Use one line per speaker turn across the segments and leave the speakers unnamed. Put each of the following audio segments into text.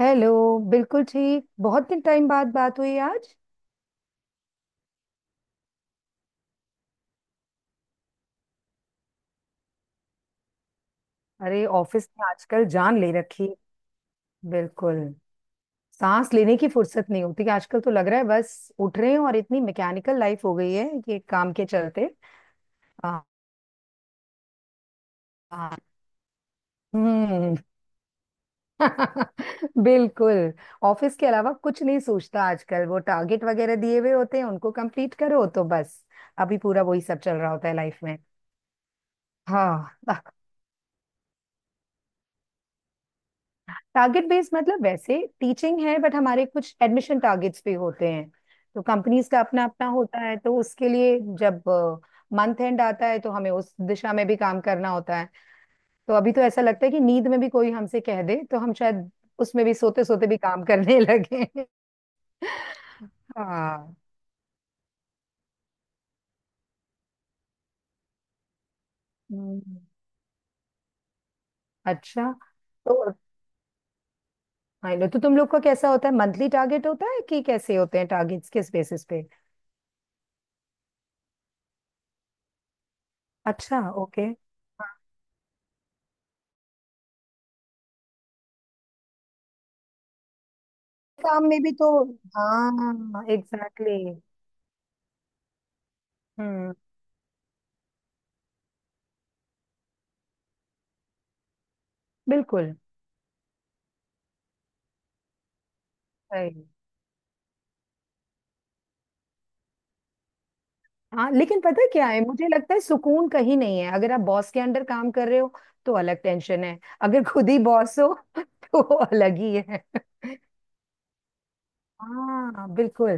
Hello. बिल्कुल ठीक. बहुत दिन टाइम बाद बात हुई आज. अरे, ऑफिस में आजकल जान ले रखी. बिल्कुल. सांस लेने की फुर्सत नहीं होती आजकल, तो लग रहा है बस उठ रहे हैं और इतनी मैकेनिकल लाइफ हो गई है ये काम के चलते. आ, आ, हम्म. बिल्कुल. ऑफिस के अलावा कुछ नहीं सोचता आजकल, वो टारगेट वगैरह दिए हुए होते हैं उनको कंप्लीट करो तो बस. अभी पूरा वही सब चल रहा होता है लाइफ में. हाँ. टारगेट बेस्ड मतलब वैसे टीचिंग है बट हमारे कुछ एडमिशन टारगेट्स भी होते हैं. तो कंपनीज का अपना अपना होता है तो उसके लिए जब मंथ एंड आता है तो हमें उस दिशा में भी काम करना होता है. तो अभी तो ऐसा लगता है कि नींद में भी कोई हमसे कह दे तो हम शायद उसमें भी सोते सोते भी काम करने लगे. हाँ. हम्म. अच्छा. तो हाँ, लो, तो तुम लोग का कैसा होता है? मंथली टारगेट होता है कि कैसे होते हैं टारगेट्स किस बेसिस पे? अच्छा, ओके. काम में भी तो. हाँ एग्जैक्टली exactly. हम्म. बिल्कुल. सही. हाँ लेकिन पता है क्या है? मुझे लगता है सुकून कहीं नहीं है अगर आप बॉस के अंडर काम कर रहे हो तो अलग टेंशन है. अगर खुद ही बॉस हो तो अलग ही है. हाँ बिल्कुल.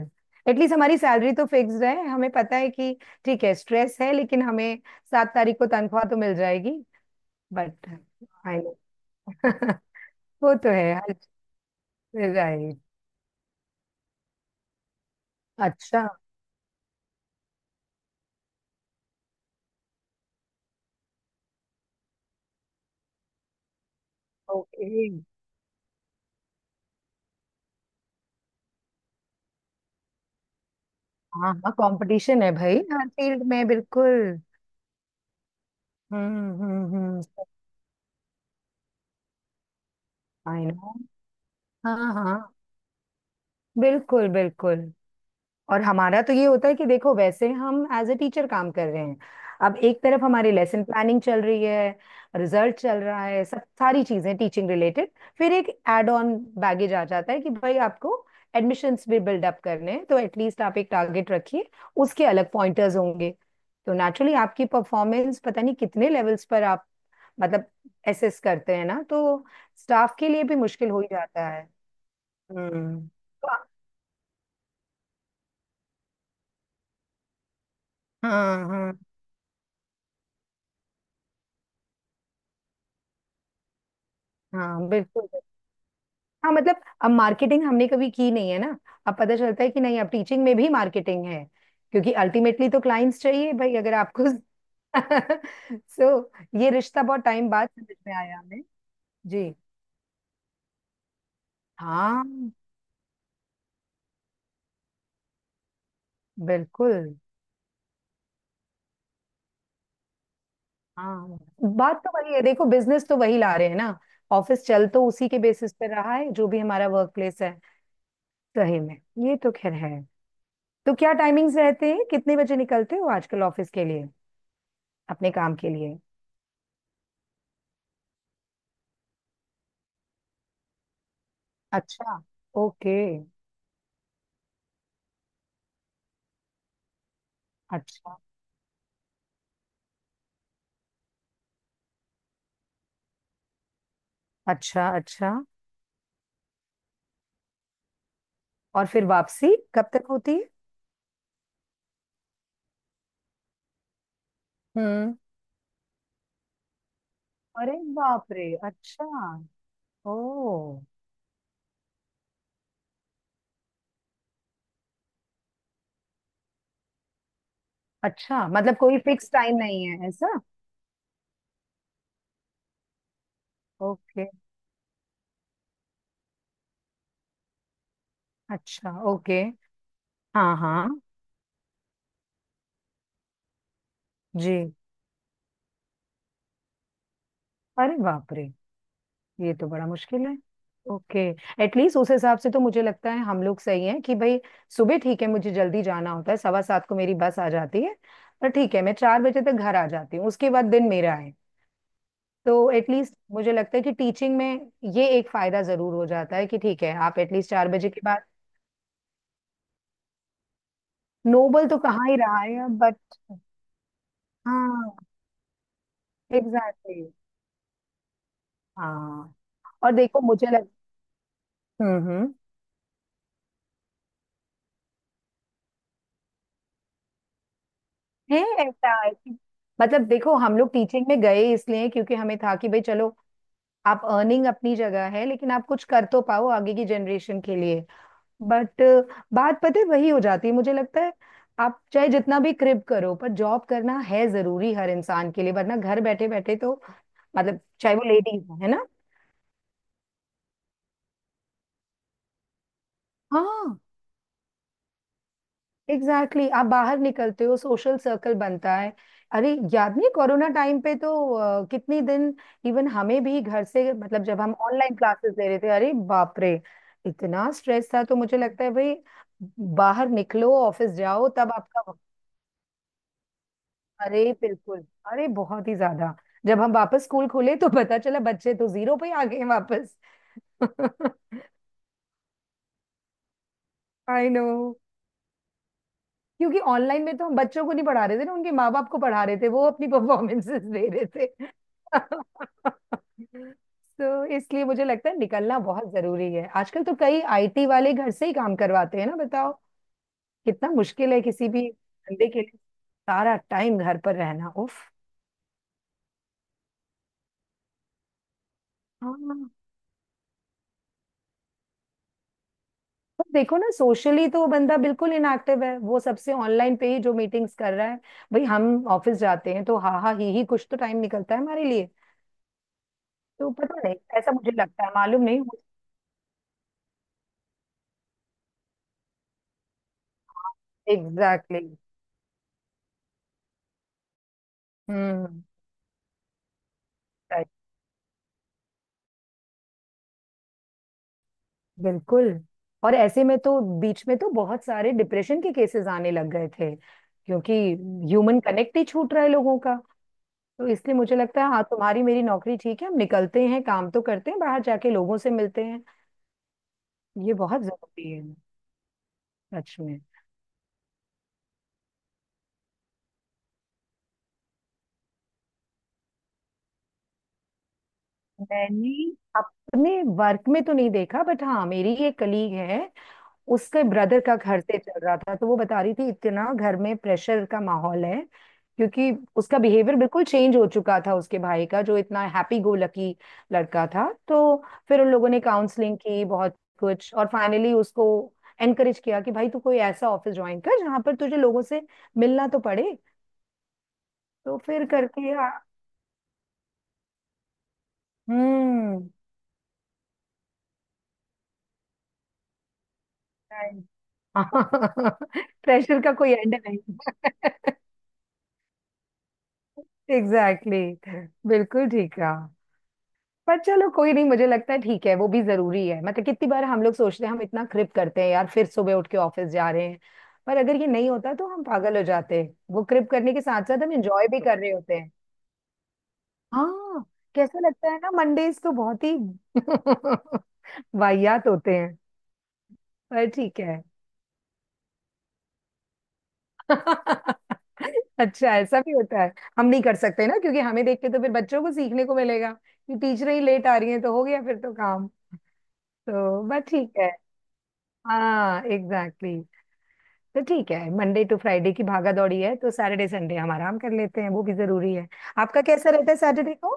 एटलीस्ट हमारी सैलरी तो फिक्स्ड है, हमें पता है कि ठीक है स्ट्रेस है लेकिन हमें 7 तारीख को तनख्वाह तो मिल जाएगी. But I no. वो तो है. राइट. अच्छा ओके. हाँ हाँ कंपटीशन है भाई हर फील्ड में. बिल्कुल. हम्म. हम्म. हम्म. I know. हाँ हाँ बिल्कुल बिल्कुल. और हमारा तो ये होता है कि देखो वैसे हम एज अ टीचर काम कर रहे हैं. अब एक तरफ हमारी लेसन प्लानिंग चल रही है, रिजल्ट चल रहा है, सब सारी चीजें टीचिंग रिलेटेड. फिर एक एड ऑन बैगेज आ जाता है कि भाई आपको एडमिशन्स भी बिल्डअप करने हैं तो एटलीस्ट आप एक टारगेट रखिए, उसके अलग पॉइंटर्स होंगे. तो नेचुरली आपकी परफॉर्मेंस पता नहीं कितने लेवल्स पर आप मतलब एसेस करते हैं ना, तो स्टाफ के लिए भी मुश्किल हो ही जाता है. हम्म. हाँ हाँ हाँ बिल्कुल. हाँ मतलब अब मार्केटिंग हमने कभी की नहीं है ना. अब पता चलता है कि नहीं, अब टीचिंग में भी मार्केटिंग है क्योंकि अल्टीमेटली तो क्लाइंट्स चाहिए भाई अगर आपको. सो ये रिश्ता बहुत टाइम बाद समझ में आया हमें. जी. हाँ. बिल्कुल. हाँ. बात तो वही है, देखो बिजनेस तो वही ला रहे हैं ना. ऑफिस चल तो उसी के बेसिस पर रहा है जो भी हमारा वर्क प्लेस है. सही में. ये तो खैर है. तो क्या टाइमिंग्स रहते हैं? कितने बजे निकलते हो आजकल ऑफिस के लिए, अपने काम के लिए? अच्छा. ओके. अच्छा अच्छा. अच्छा, और फिर वापसी कब तक होती है? हम्म. अरे बाप रे. अच्छा. ओ. अच्छा, मतलब कोई फिक्स टाइम नहीं है ऐसा? ओके. अच्छा ओके. हाँ हाँ. जी. अरे बाप रे, ये तो बड़ा मुश्किल है. ओके. एटलीस्ट उस हिसाब से तो मुझे लगता है हम लोग सही हैं कि भाई सुबह ठीक है, मुझे जल्दी जाना होता है, 7:15 को मेरी बस आ जाती है. पर ठीक है, मैं 4 बजे तक घर आ जाती हूँ, उसके बाद दिन मेरा है. तो एटलीस्ट मुझे लगता है कि टीचिंग में ये एक फायदा जरूर हो जाता है कि ठीक है, आप एटलीस्ट 4 बजे के बाद. नोबल तो कहाँ ही रहा है अब, बट हाँ एग्जैक्टली exactly, हाँ. और देखो मुझे लग. हम्म. हम्म. है ऐसा कि- मतलब देखो हम लोग टीचिंग में गए इसलिए क्योंकि हमें था कि भाई चलो, आप अर्निंग अपनी जगह है लेकिन आप कुछ कर तो पाओ आगे की जनरेशन के लिए. बट बात पता है वही हो जाती है मुझे लगता है. आप चाहे जितना भी क्रिप करो पर जॉब करना है जरूरी हर इंसान के लिए, वरना घर बैठे बैठे तो. मतलब चाहे वो लेडीज है ना. हाँ एग्जैक्टली exactly. आप बाहर निकलते हो, सोशल सर्कल बनता है. अरे याद नहीं कोरोना टाइम पे तो कितनी दिन. इवन हमें भी घर से, मतलब जब हम ऑनलाइन क्लासेस ले रहे थे, अरे बाप रे इतना स्ट्रेस था तो मुझे लगता है भाई बाहर निकलो, ऑफिस जाओ तब आपका वक्त- अरे बिल्कुल. अरे बहुत ही ज्यादा. जब हम वापस स्कूल खोले तो पता चला बच्चे तो जीरो पे आ गए हैं वापस. आई नो. क्योंकि ऑनलाइन में तो हम बच्चों को नहीं पढ़ा रहे थे ना, उनके माँ बाप को पढ़ा रहे थे, वो अपनी परफॉर्मेंसेस दे रहे थे. तो इसलिए मुझे लगता है निकलना बहुत जरूरी है. आजकल तो कई आईटी वाले घर से ही काम करवाते हैं ना, बताओ कितना मुश्किल है किसी भी बंदे के लिए सारा टाइम घर पर रहना. उफ. हाँ. पर देखो ना, सोशली तो वो बंदा बिल्कुल इनएक्टिव है, वो सबसे ऑनलाइन पे ही जो मीटिंग्स कर रहा है. भाई हम ऑफिस जाते हैं तो हा हा ही कुछ तो टाइम निकलता है हमारे लिए. तो पता नहीं, ऐसा मुझे लगता है, मालूम नहीं. Exactly exactly. हम्म. Right, बिल्कुल. और ऐसे में तो बीच में तो बहुत सारे डिप्रेशन के केसेस आने लग गए थे क्योंकि ह्यूमन कनेक्ट ही छूट रहा है लोगों का. तो इसलिए मुझे लगता है हाँ, तुम्हारी मेरी नौकरी ठीक है, हम निकलते हैं, काम तो करते हैं, बाहर जाके लोगों से मिलते हैं. ये बहुत जरूरी है. सच में. मैंने अपने वर्क में तो नहीं देखा बट हाँ, मेरी एक कलीग है, उसके ब्रदर का घर से चल रहा था तो वो बता रही थी इतना घर में प्रेशर का माहौल है, क्योंकि उसका बिहेवियर बिल्कुल चेंज हो चुका था उसके भाई का, जो इतना हैप्पी गो लकी लड़का था. तो फिर उन लोगों ने काउंसलिंग की बहुत कुछ और फाइनली उसको एनकरेज किया कि भाई तू कोई ऐसा ऑफिस ज्वाइन कर जहां पर तुझे लोगों से मिलना तो पड़े. तो फिर करके आ- हम्म. प्रेशर का कोई एंड नहीं. Exactly exactly. बिल्कुल ठीक है. पर चलो कोई नहीं, मुझे लगता है ठीक है वो भी जरूरी है, मतलब कितनी बार हम लोग सोचते हैं हम इतना क्रिप करते हैं यार फिर सुबह उठ के ऑफिस जा रहे हैं, पर अगर ये नहीं होता तो हम पागल हो जाते हैं. वो क्रिप करने के साथ साथ हम एंजॉय भी कर रहे होते हैं. हाँ. कैसा लगता है ना मंडेज तो बहुत ही वाहियात होते हैं. पर ठीक है. अच्छा ऐसा भी होता है? हम नहीं कर सकते ना क्योंकि हमें देख के तो फिर बच्चों को सीखने को मिलेगा कि टीचर ही लेट आ रही है, तो हो गया फिर तो काम. तो बस ठीक है. हाँ एग्जैक्टली. तो ठीक है, मंडे टू फ्राइडे की भागा दौड़ी है तो सैटरडे संडे हम आराम कर लेते हैं, वो भी जरूरी है. आपका कैसा रहता है सैटरडे को?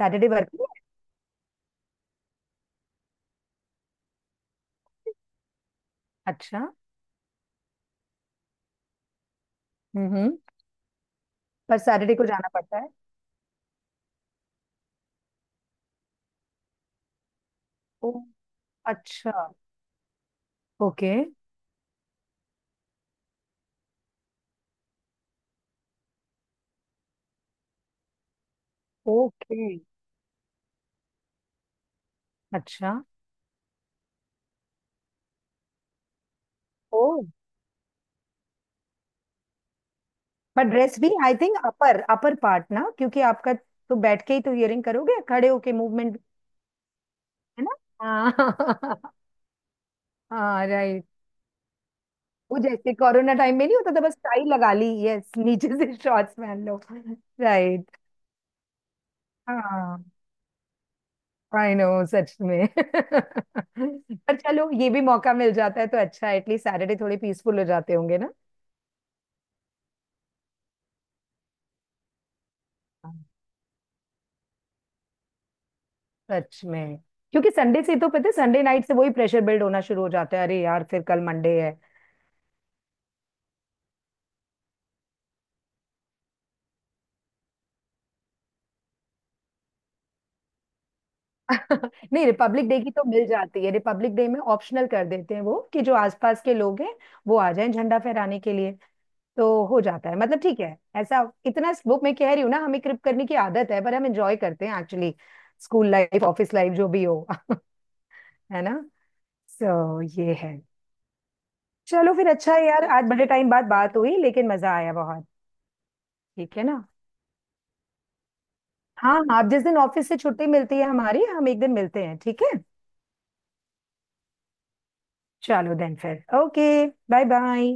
सैटरडे वर्किंग है? अच्छा. हम्म हम्म, पर सैटरडे को जाना पड़ता है. ओ. अच्छा ओके. ओके. अच्छा. ओ. पर ड्रेस भी I think upper upper part ना, क्योंकि आपका तो बैठ के ही तो इयरिंग करोगे, खड़े होके मूवमेंट? है ना? हाँ. हाँ राइट. वो जैसे कोरोना टाइम में नहीं होता था, बस टाई लगा ली, यस, नीचे से शॉर्ट्स पहन लो. राइट. हाँ आई नो सच में. पर चलो ये भी मौका मिल जाता है तो अच्छा. एटलीस्ट सैटरडे थोड़े पीसफुल हो जाते होंगे ना. हाँ. सच में. क्योंकि संडे से तो पता है, संडे नाइट से वही प्रेशर बिल्ड होना शुरू हो जाता है, अरे यार फिर कल मंडे है. नहीं, रिपब्लिक डे की तो मिल जाती है, रिपब्लिक डे में ऑप्शनल कर देते हैं वो कि जो आसपास के लोग हैं वो आ जाएं झंडा फहराने के लिए, तो हो जाता है. मतलब ठीक है, ऐसा इतना वो मैं कह रही हूँ ना, हमें क्रिप करने की आदत है पर हम एंजॉय करते हैं actually, school life office life जो भी हो. है ना? सो ये है. चलो फिर अच्छा है यार, आज बड़े टाइम बाद बात हुई लेकिन मजा आया बहुत. ठीक है ना? हाँ हाँ, आप जिस दिन ऑफिस से छुट्टी मिलती है, हमारी हम एक दिन मिलते हैं ठीक है. चलो देन फिर ओके. Bye bye.